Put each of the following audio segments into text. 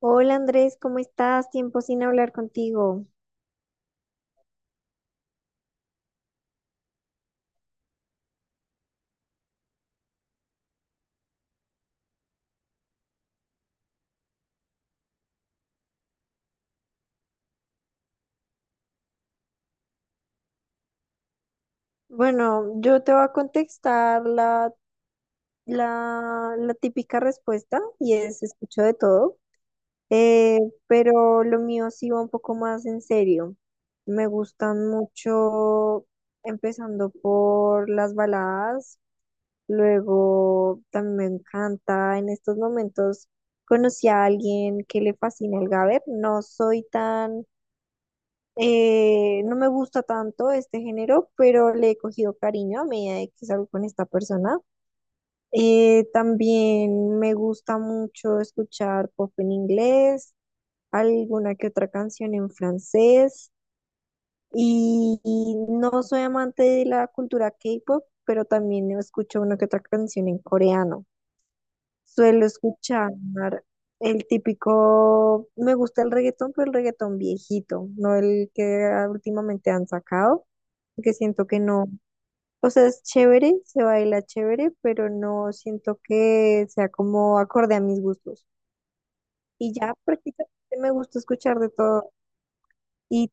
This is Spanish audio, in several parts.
Hola Andrés, ¿cómo estás? Tiempo sin hablar contigo. Bueno, yo te voy a contestar la típica respuesta y es escucho de todo, eh, pero lo mío sí va un poco más en serio. Me gustan mucho, empezando por las baladas, luego también me encanta en estos momentos conocí a alguien que le fascina el gaber. No soy tan no me gusta tanto este género, pero le he cogido cariño a medida de que salgo con esta persona. También me gusta mucho escuchar pop en inglés, alguna que otra canción en francés y no soy amante de la cultura K-pop, pero también escucho una que otra canción en coreano. Suelo escuchar el típico, me gusta el reggaetón, pero el reggaetón viejito, no el que últimamente han sacado, porque siento que no, o sea, es chévere, se baila chévere, pero no siento que sea como acorde a mis gustos. Y ya prácticamente me gusta escuchar de todo. Y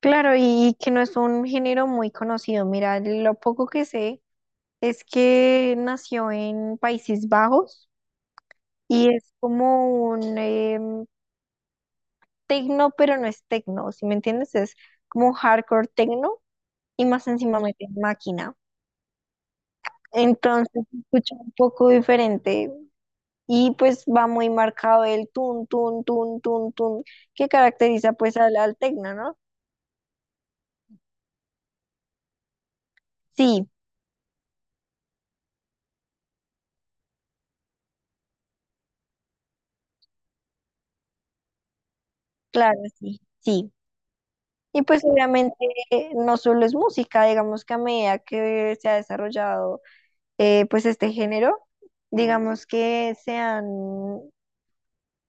claro, y que no es un género muy conocido. Mira, lo poco que sé es que nació en Países Bajos. Y es como un tecno, pero no es tecno, ¿si me entiendes? Es como hardcore tecno y más encima mete máquina. Entonces se escucha un poco diferente y pues va muy marcado el tun, tun, tun, tun, tun, que caracteriza pues al tecno, ¿no? Sí, claro, sí, sí. Y pues obviamente no solo es música, digamos que a medida que se ha desarrollado pues este género, digamos que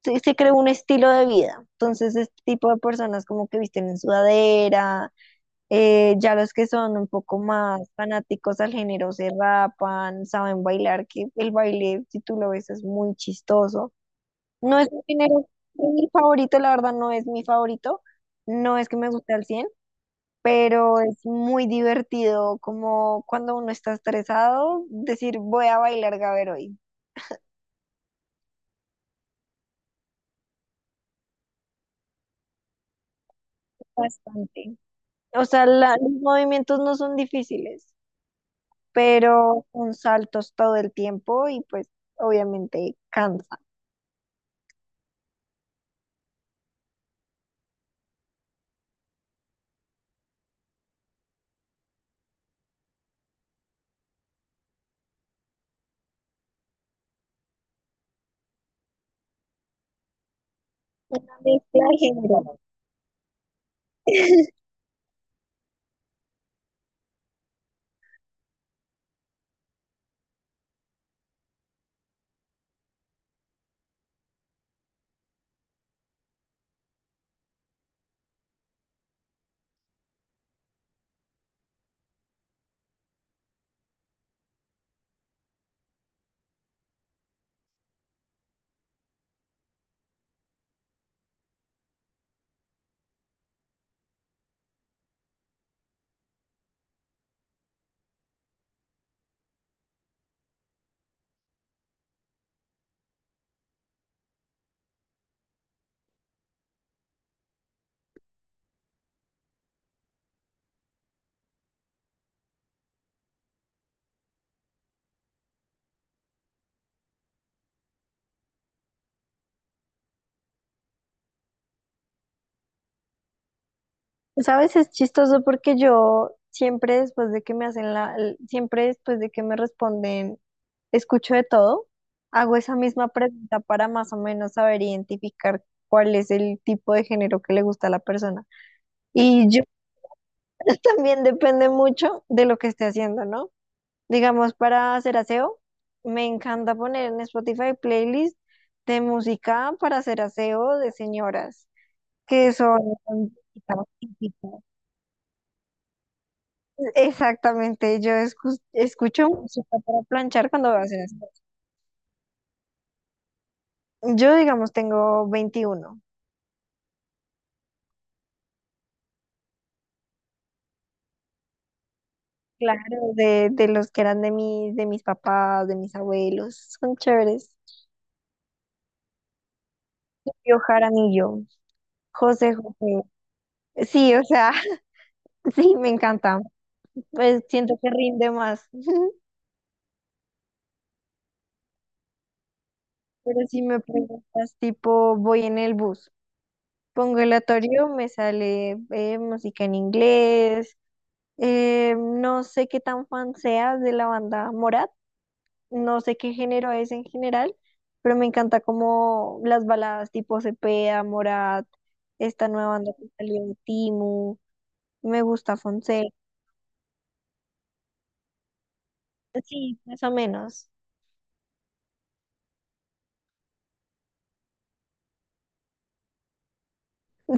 se, se creó un estilo de vida. Entonces, este tipo de personas como que visten en sudadera, ya los que son un poco más fanáticos al género se rapan, saben bailar, que el baile, si tú lo ves, es muy chistoso. No es un género mi favorito, la verdad no es mi favorito, no es que me guste al cien, pero es muy divertido, como cuando uno está estresado, decir voy a bailar gaber hoy, bastante. O sea, los movimientos no son difíciles, pero con saltos todo el tiempo y pues obviamente cansa. Una mezcla de género. ¿Sabes? Es chistoso porque yo siempre después de que me hacen siempre después de que me responden, escucho de todo, hago esa misma pregunta para más o menos saber identificar cuál es el tipo de género que le gusta a la persona. Y yo también depende mucho de lo que esté haciendo, ¿no? Digamos, para hacer aseo, me encanta poner en Spotify playlist de música para hacer aseo de señoras, que son típicas, típicas. Exactamente, yo escucho música para planchar cuando voy a hacer aseo. Yo, digamos, tengo 21. Claro, de los que eran de mis papás, de mis abuelos, son chéveres. Yo Jaramillo, José José. Sí, o sea, sí, me encanta. Pues siento que rinde más. Pero si me preguntas, tipo, voy en el bus, pongo el aleatorio, me sale música en inglés, no sé qué tan fan seas de la banda Morat, no sé qué género es en general, pero me encanta como las baladas tipo Cepeda, Morat, esta nueva banda que salió de Timu, me gusta Fonseca, sí, más o menos.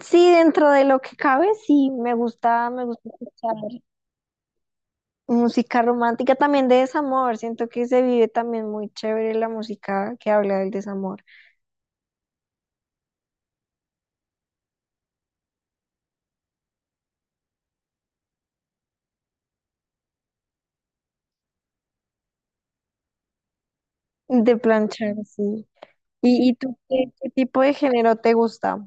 Sí, dentro de lo que cabe, sí, me gusta escuchar. Música romántica también de desamor. Siento que se vive también muy chévere la música que habla del desamor, de planchar, sí. Y tú qué, qué tipo de género te gusta?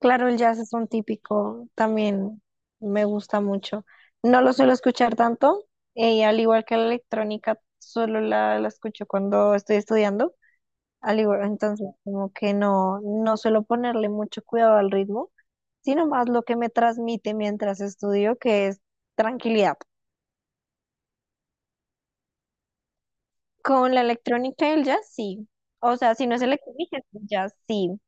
Claro, el jazz es un típico, también me gusta mucho. No lo suelo escuchar tanto, al igual que la electrónica, solo la escucho cuando estoy estudiando. Al igual, entonces, como que no, no suelo ponerle mucho cuidado al ritmo, sino más lo que me transmite mientras estudio, que es tranquilidad. Con la electrónica y el jazz, sí. O sea, si no es electrónica, es jazz, sí.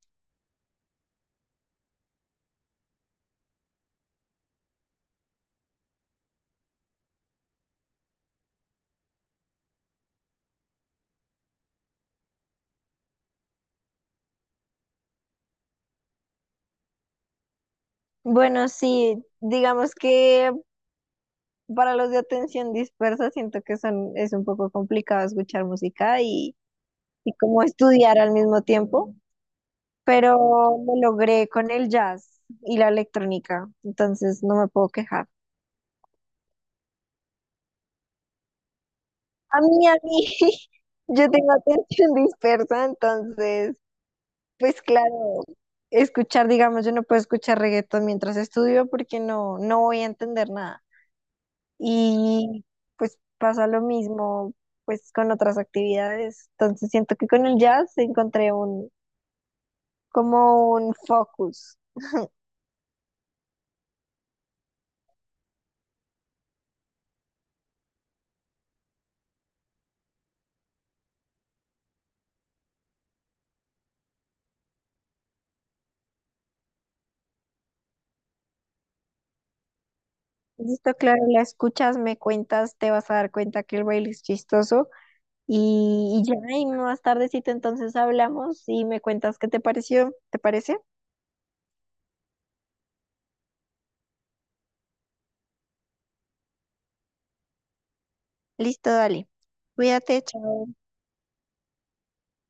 Bueno, sí, digamos que para los de atención dispersa siento que son, es un poco complicado escuchar música y como estudiar al mismo tiempo, pero me logré con el jazz y la electrónica, entonces no me puedo quejar. A mí, yo tengo atención dispersa, entonces pues claro, escuchar, digamos, yo no puedo escuchar reggaetón mientras estudio porque no, no voy a entender nada. Y pues pasa lo mismo pues con otras actividades. Entonces siento que con el jazz encontré un, como un focus. Listo, claro, la escuchas, me cuentas, te vas a dar cuenta que el baile es chistoso y ya, y más tardecito entonces hablamos y me cuentas qué te pareció, ¿te parece? Listo, dale. Cuídate, chao.